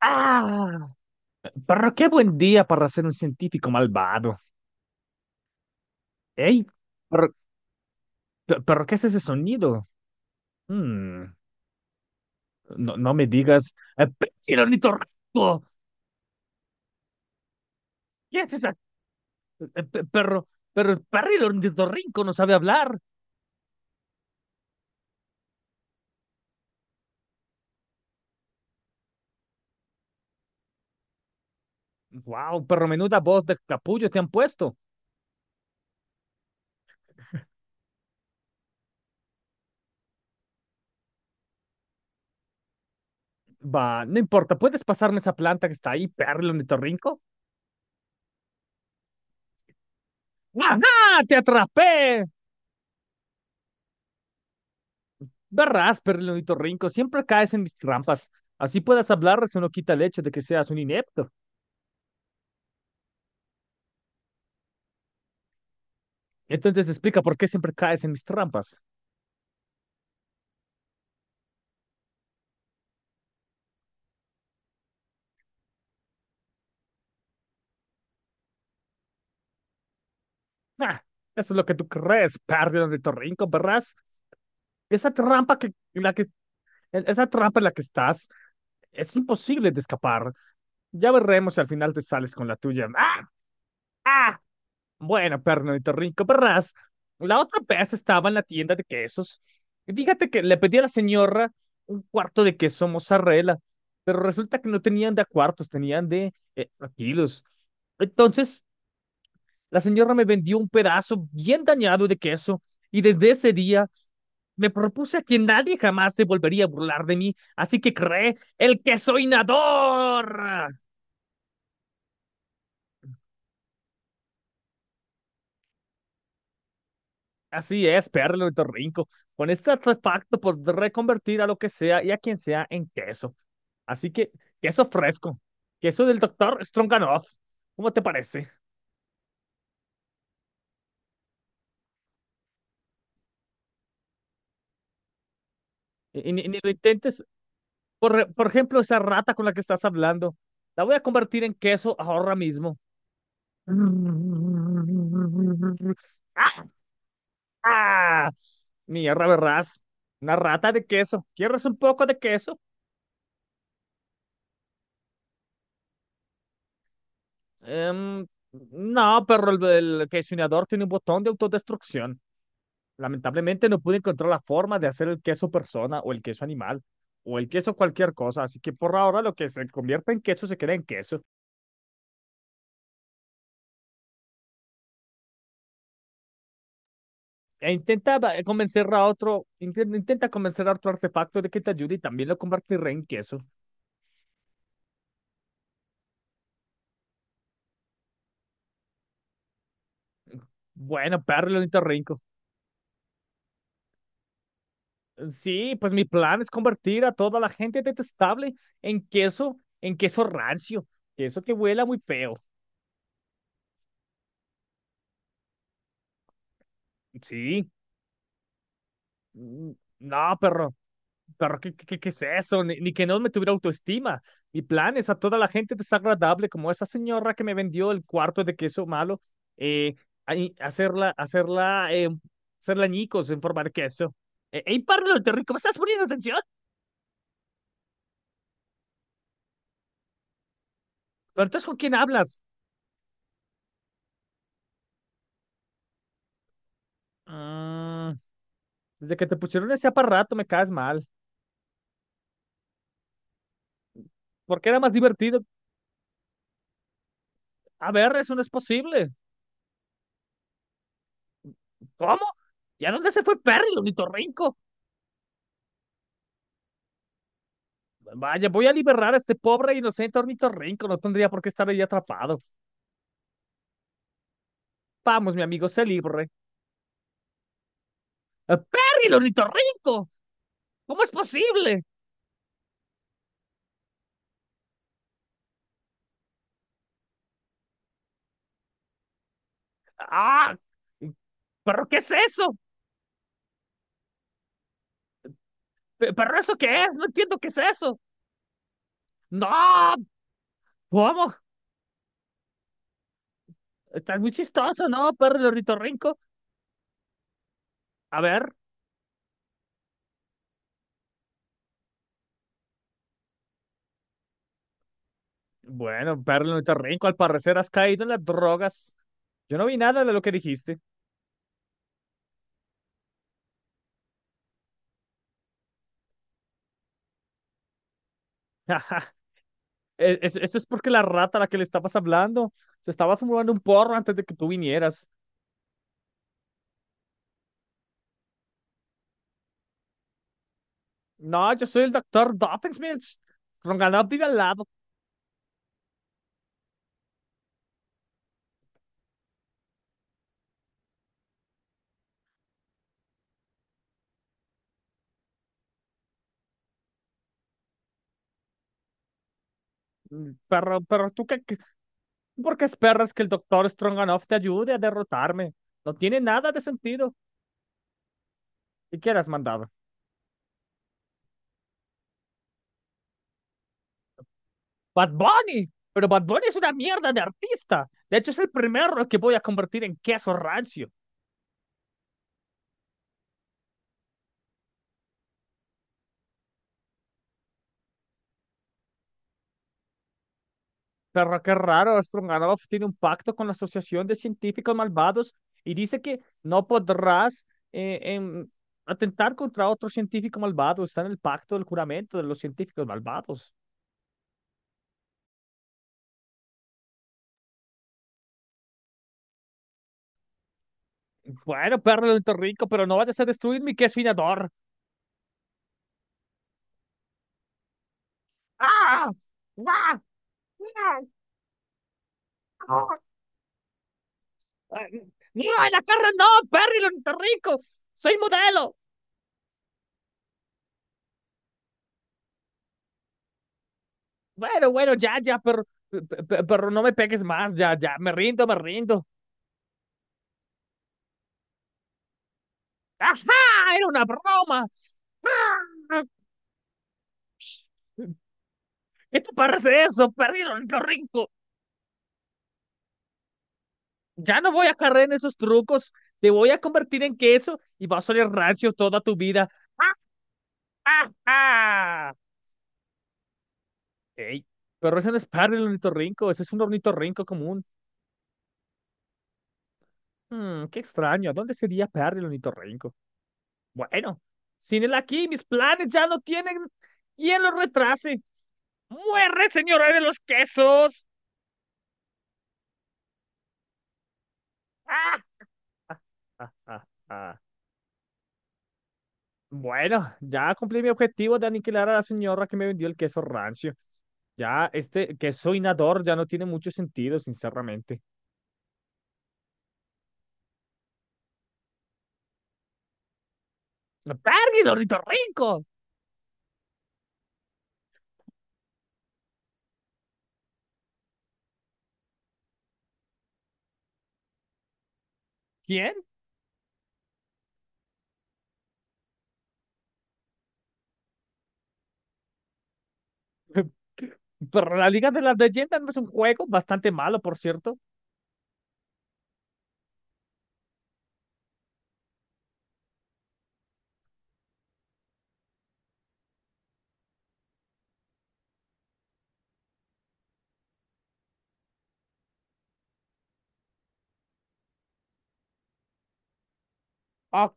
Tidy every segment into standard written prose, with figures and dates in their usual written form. Ah, pero qué buen día para ser un científico malvado. Ey, pero, pero ¿qué es ese sonido? Hmm, no, no me digas, el ornitorrinco. ¿Qué es esa? eh, pe- Pero, pero el perril ornitorrinco no sabe hablar. Wow, pero menuda voz de capullo te han puesto. Va, no importa, ¿puedes pasarme esa planta que está ahí, perril ornitorrinco? ¡Ajá! ¡Te atrapé! Verás, ornitorrinco, siempre caes en mis trampas. Así puedas hablar, eso no quita el hecho de que seas un inepto. Entonces explica por qué siempre caes en mis trampas. Ah, eso es lo que tú crees, ornitorrinco, verás. Esa trampa que, en la que, en esa trampa en la que estás, es imposible de escapar. Ya veremos si al final te sales con la tuya. ¡Ah! ¡Ah! Bueno, Pernito Rico Perras, la otra vez estaba en la tienda de quesos. Y fíjate que le pedí a la señora un cuarto de queso mozzarella, pero resulta que no tenían de a cuartos, tenían de a kilos. Entonces, la señora me vendió un pedazo bien dañado de queso y desde ese día me propuse a que nadie jamás se volvería a burlar de mí, así que creé el queso inador. Así es, Perlo y Torrinco. Con este artefacto por reconvertir a lo que sea y a quien sea en queso. Así que, queso fresco. Queso del doctor Stronganoff. ¿Cómo te parece? Y ni lo intentes. Por ejemplo, esa rata con la que estás hablando. La voy a convertir en queso ahora mismo. ¡Ah! ¡Ah! Mierda, verás. Una rata de queso. ¿Quieres un poco de queso? Em, no, pero el quesionador tiene un botón de autodestrucción. Lamentablemente no pude encontrar la forma de hacer el queso persona o el queso animal o el queso cualquier cosa, así que por ahora lo que se convierte en queso se queda en queso. E convencer a otro, intenta convencer a otro artefacto de que te ayude y también lo convertiré en queso. Bueno, perro, lo interrinco. Sí, pues mi plan es convertir a toda la gente detestable en queso rancio, queso que huela muy feo. Sí. Mm, no, perro, perro, ¿qué es eso? Ni que no me tuviera autoestima, ni planes, a toda la gente desagradable, como esa señora que me vendió el cuarto de queso malo, eh, ahí, hacerla, hacerla ñicos en forma de queso. ¡Ey, páralo, te rico! ¿Me estás poniendo atención? Pero entonces, ¿con quién hablas? Mm, desde que te pusieron ese aparato me caes mal. Porque era más divertido. A ver, eso no es posible. ¿Cómo? Ya no se fue Perry, el ornitorrinco. Vaya, voy a liberar a este pobre e inocente ornitorrinco. No tendría por qué estar ahí atrapado. Vamos, mi amigo, se libre. ¡Ah, ¡Perry, el ornitorrinco! ¿Cómo es posible? ¡Ah! ¿Pero qué es eso? ¿Pero eso qué es? No entiendo qué es eso. ¡No! ¿Cómo? Estás muy chistoso, ¿no, Perry, el ornitorrinco? A ver. Bueno, Perry, el ornitorrinco, al parecer has caído en las drogas. Yo no vi nada de lo que dijiste. Eso es porque la rata a la que le estabas hablando se estaba fumando un porro antes de que tú vinieras. No, yo soy el doctor Doofenshmirtz. Stronganoff vive al lado. Mm, pero, ¿por qué esperas que el doctor Stronganoff te ayude a derrotarme? No tiene nada de sentido. ¿Y quién has mandado? Bad Bunny. Pero Bad Bunny es una mierda de artista. De hecho, es el primero que voy a convertir en queso rancio. Pero qué raro, Strunganov tiene un pacto con la Asociación de Científicos Malvados y dice que no podrás eh, em, atentar contra otro científico malvado. Está en el pacto del juramento de los científicos malvados. Bueno, perro del rico, pero no vayas a destruir mi queso finador. ¡Ah! ¡Ah! ¡Ah! ¡Ah! ¡No, en la cara no, perro lento rico! ¡Soy modelo! Bueno, bueno, ya, ya, pero, pe- pero no me pegues más, ya, ya, me rindo, me rindo. ¡Ajá! ¡Era una broma! Esto parece eso, perdieron lo rico. Ya no voy a caer en esos trucos. Te voy a convertir en queso y vas a oler rancio toda tu vida. ¡Ah, ah, ah! Ey, pero ese no es Perry el ornitorrinco, ese es un ornitorrinco común. Hmm, qué extraño, ¿dónde sería Perry el ornitorrinco? Bueno, sin él aquí, mis planes ya no tienen y quien los retrase. ¡Muere, señora de los quesos! ¡Ah! Ah, ah, ah. Bueno, ya cumplí mi objetivo de aniquilar a la señora que me vendió el queso rancio. Ya este queso inador ya no tiene mucho sentido, sinceramente. ¡Perdido, rico! ¿Quién? Pero la Liga de las Leyendas no es un juego bastante malo, por cierto. Ah,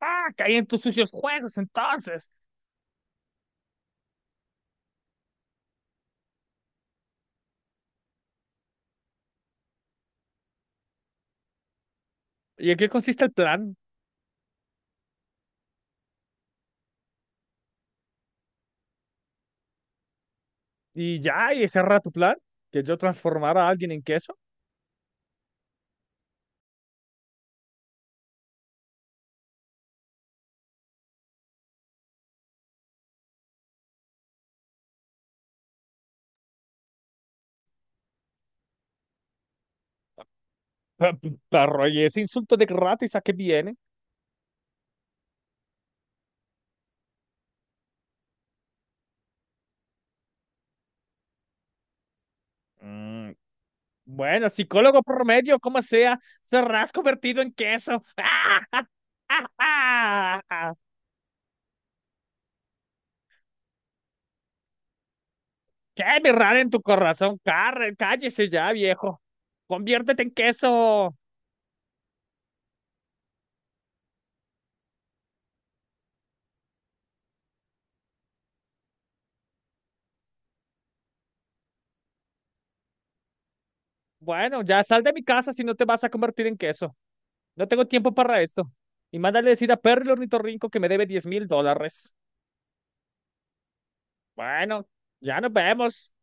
ah, caí en tus sucios juegos, entonces. ¿Y en qué consiste el plan? Y ya, y ese era tu plan, que yo transformara a alguien en queso. Pa- Pero, y ese insulto de gratis, ¿a qué viene? Mm, bueno, psicólogo promedio, como sea, serás convertido en queso. ¡Ah! ¡Ah! ¡Ah! ¡Ah! ¡Ah! ¡Qué mirada en tu corazón! Carre, cállese ya, viejo. Conviértete en queso. Bueno, ya sal de mi casa si no te vas a convertir en queso. No tengo tiempo para esto. Y mándale decir a Perry el ornitorrinco que me debe $10.000. Bueno, ya nos vemos.